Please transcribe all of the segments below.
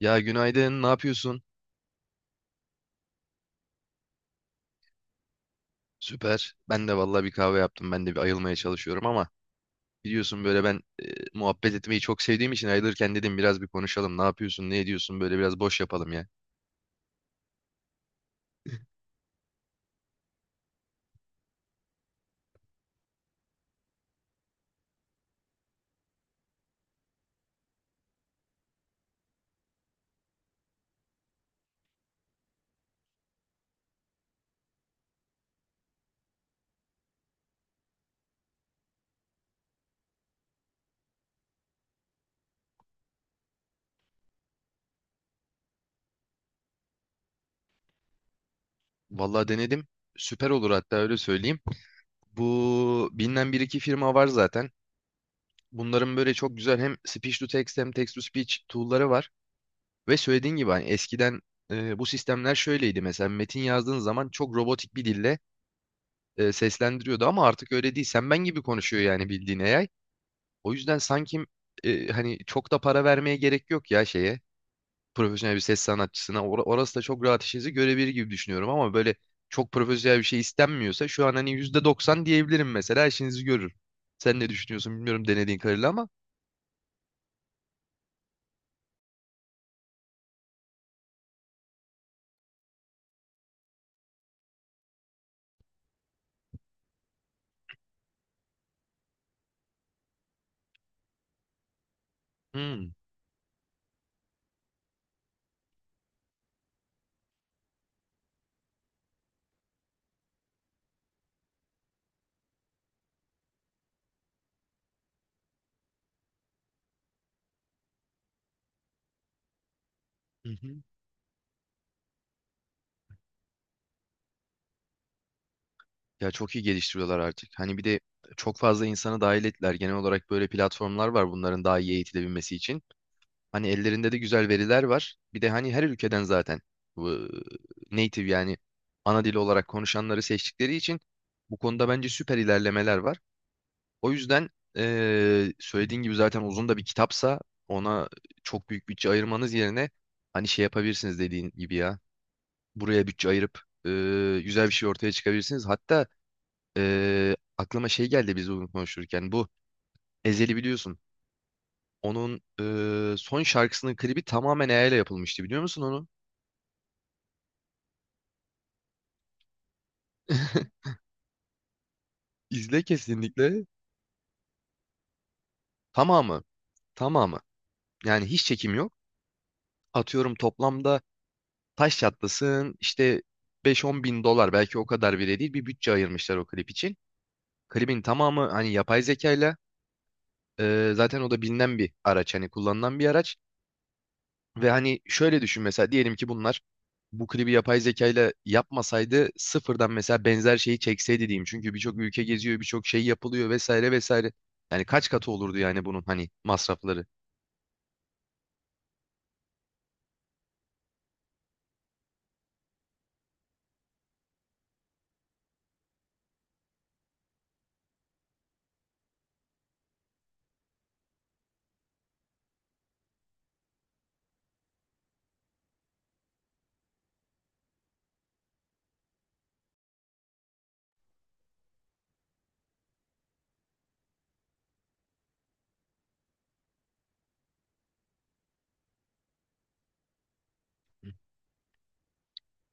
Ya günaydın, ne yapıyorsun? Süper. Ben de vallahi bir kahve yaptım. Ben de bir ayılmaya çalışıyorum ama biliyorsun böyle ben muhabbet etmeyi çok sevdiğim için ayılırken dedim biraz bir konuşalım. Ne yapıyorsun, ne ediyorsun? Böyle biraz boş yapalım ya. Vallahi denedim. Süper olur hatta öyle söyleyeyim. Bu bilinen bir iki firma var zaten. Bunların böyle çok güzel hem speech to text hem text to speech tool'ları var. Ve söylediğin gibi hani eskiden bu sistemler şöyleydi mesela metin yazdığın zaman çok robotik bir dille seslendiriyordu ama artık öyle değil. Sen ben gibi konuşuyor yani bildiğin AI. O yüzden sanki hani çok da para vermeye gerek yok ya şeye profesyonel bir ses sanatçısına. Orası da çok rahat işinizi görebilir gibi düşünüyorum ama böyle çok profesyonel bir şey istenmiyorsa şu an hani %90 diyebilirim mesela işinizi görür. Sen ne düşünüyorsun bilmiyorum denediğin kadarıyla ama. Hmm. Ya çok iyi geliştiriyorlar artık. Hani bir de çok fazla insanı dahil ettiler. Genel olarak böyle platformlar var bunların daha iyi eğitilebilmesi için. Hani ellerinde de güzel veriler var. Bir de hani her ülkeden zaten bu native yani ana dili olarak konuşanları seçtikleri için bu konuda bence süper ilerlemeler var. O yüzden söylediğin gibi zaten uzun da bir kitapsa ona çok büyük bütçe ayırmanız yerine hani şey yapabilirsiniz dediğin gibi ya. Buraya bütçe ayırıp güzel bir şey ortaya çıkabilirsiniz. Hatta aklıma şey geldi biz bunu konuşurken. Bu Ezhel'i biliyorsun. Onun son şarkısının klibi tamamen AI ile yapılmıştı. Biliyor musun onu? İzle kesinlikle. Tamamı. Tamamı. Yani hiç çekim yok. Atıyorum toplamda taş çatlasın işte 5-10 bin dolar belki o kadar bile değil bir bütçe ayırmışlar o klip için. Klibin tamamı hani yapay zekayla zaten o da bilinen bir araç hani kullanılan bir araç. Ve hani şöyle düşün mesela diyelim ki bunlar bu klibi yapay zeka ile yapmasaydı sıfırdan mesela benzer şeyi çekseydi diyeyim. Çünkü birçok ülke geziyor, birçok şey yapılıyor vesaire vesaire. Yani kaç katı olurdu yani bunun hani masrafları.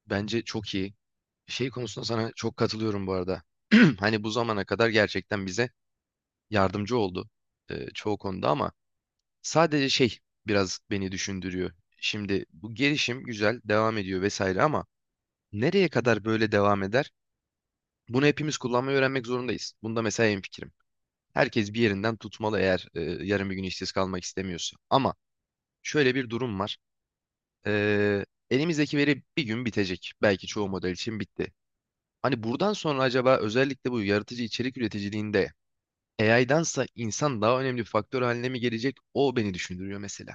Bence çok iyi. Şey konusunda sana çok katılıyorum bu arada. Hani bu zamana kadar gerçekten bize yardımcı oldu çoğu konuda ama sadece şey biraz beni düşündürüyor. Şimdi bu gelişim güzel devam ediyor vesaire ama nereye kadar böyle devam eder? Bunu hepimiz kullanmayı öğrenmek zorundayız. Bunda mesela hemfikirim. Herkes bir yerinden tutmalı eğer yarın bir gün işsiz kalmak istemiyorsa. Ama şöyle bir durum var. E, elimizdeki veri bir gün bitecek. Belki çoğu model için bitti. Hani buradan sonra acaba özellikle bu yaratıcı içerik üreticiliğinde AI'dansa insan daha önemli bir faktör haline mi gelecek? O beni düşündürüyor mesela.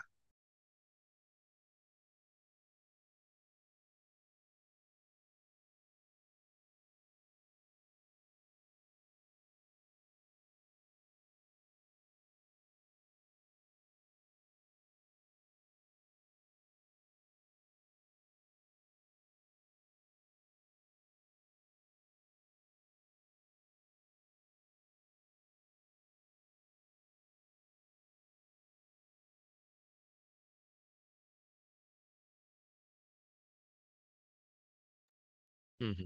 Hı hı.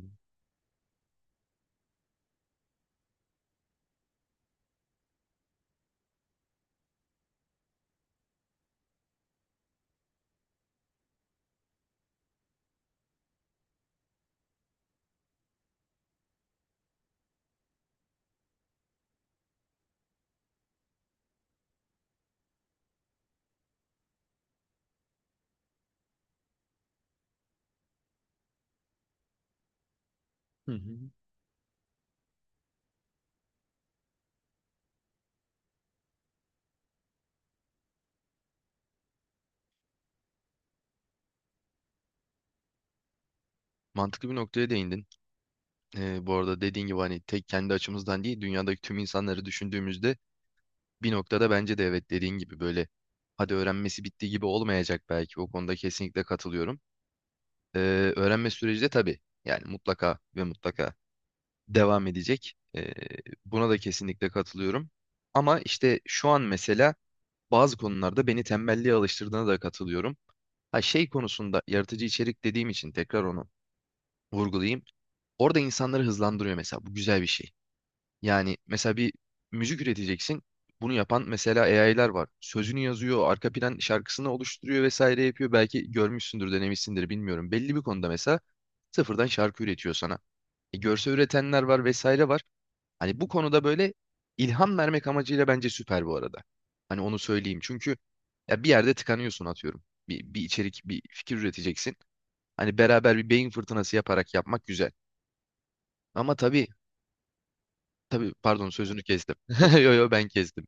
Hı hı. Mantıklı bir noktaya değindin. Bu arada dediğin gibi hani tek kendi açımızdan değil dünyadaki tüm insanları düşündüğümüzde bir noktada bence de evet dediğin gibi böyle hadi öğrenmesi bitti gibi olmayacak belki o konuda kesinlikle katılıyorum. Ee, öğrenme süreci de tabii yani mutlaka ve mutlaka devam edecek. Buna da kesinlikle katılıyorum. Ama işte şu an mesela bazı konularda beni tembelliğe alıştırdığına da katılıyorum. Ha şey konusunda yaratıcı içerik dediğim için tekrar onu vurgulayayım. Orada insanları hızlandırıyor mesela bu güzel bir şey. Yani mesela bir müzik üreteceksin. Bunu yapan mesela AI'lar var. Sözünü yazıyor, arka plan şarkısını oluşturuyor vesaire yapıyor. Belki görmüşsündür, denemişsindir bilmiyorum. Belli bir konuda mesela sıfırdan şarkı üretiyor sana. Görsel üretenler var vesaire var. Hani bu konuda böyle ilham vermek amacıyla bence süper bu arada. Hani onu söyleyeyim. Çünkü ya bir yerde tıkanıyorsun atıyorum. Bir içerik, bir fikir üreteceksin. Hani beraber bir beyin fırtınası yaparak yapmak güzel. Ama tabii pardon sözünü kestim. Yo yo ben kestim.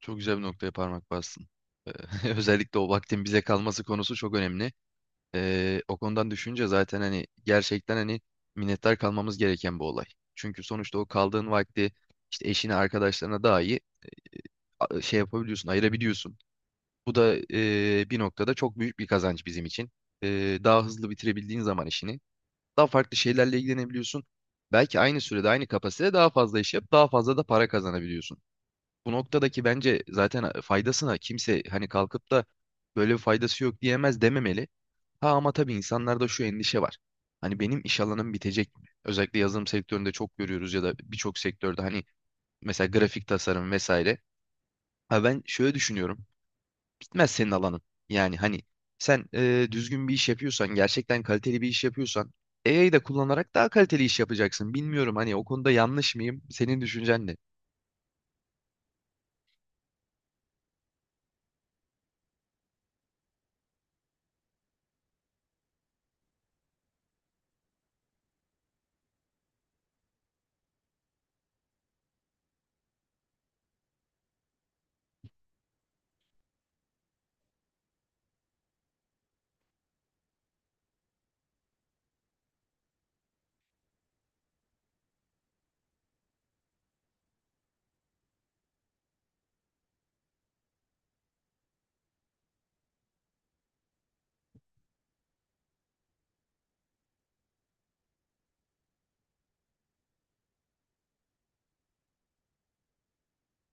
Çok güzel bir noktaya parmak bastın. Ee, Özellikle o vaktin bize kalması konusu çok önemli. O konudan düşünce zaten hani gerçekten hani minnettar kalmamız gereken bir olay. Çünkü sonuçta o kaldığın vakti işte eşine, arkadaşlarına daha iyi şey yapabiliyorsun, ayırabiliyorsun. Bu da bir noktada çok büyük bir kazanç bizim için. Daha hızlı bitirebildiğin zaman işini, daha farklı şeylerle ilgilenebiliyorsun. Belki aynı sürede, aynı kapasitede daha fazla iş yap, daha fazla da para kazanabiliyorsun. Bu noktadaki bence zaten faydasına kimse hani kalkıp da böyle bir faydası yok diyemez dememeli. Ha ama tabii insanlarda şu endişe var. Hani benim iş alanım bitecek mi? Özellikle yazılım sektöründe çok görüyoruz ya da birçok sektörde hani mesela grafik tasarım vesaire. Ha ben şöyle düşünüyorum. Bitmez senin alanın. Yani hani sen düzgün bir iş yapıyorsan, gerçekten kaliteli bir iş yapıyorsan AI'yı da kullanarak daha kaliteli iş yapacaksın. Bilmiyorum hani o konuda yanlış mıyım? Senin düşüncen ne?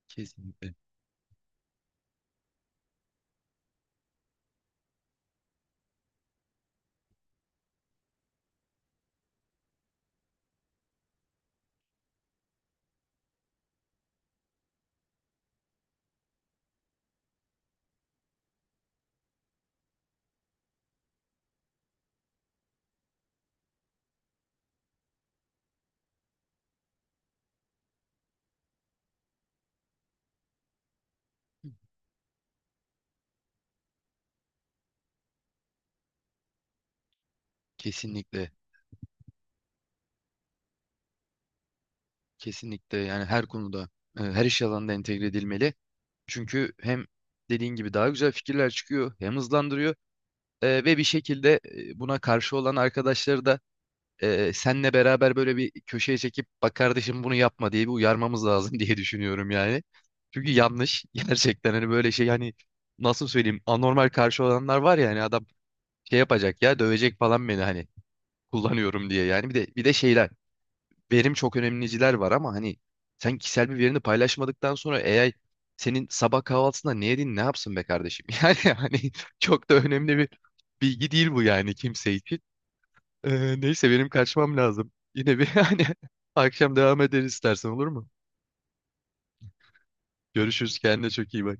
Kesinlikle, kesinlikle. Kesinlikle yani her konuda her iş alanında entegre edilmeli. Çünkü hem dediğin gibi daha güzel fikirler çıkıyor hem hızlandırıyor ve bir şekilde buna karşı olan arkadaşları da senle beraber böyle bir köşeye çekip bak kardeşim bunu yapma diye bir uyarmamız lazım diye düşünüyorum yani. Çünkü yanlış gerçekten hani böyle şey hani nasıl söyleyeyim anormal karşı olanlar var ya hani adam şey yapacak ya dövecek falan beni hani kullanıyorum diye yani bir de şeyler verim çok önemliciler var ama hani sen kişisel bir verini paylaşmadıktan sonra AI senin sabah kahvaltısında ne yedin ne yapsın be kardeşim? Yani hani çok da önemli bir bilgi değil bu yani kimse için. Neyse benim kaçmam lazım. Yine bir hani akşam devam ederiz istersen olur mu? Görüşürüz kendine çok iyi bak.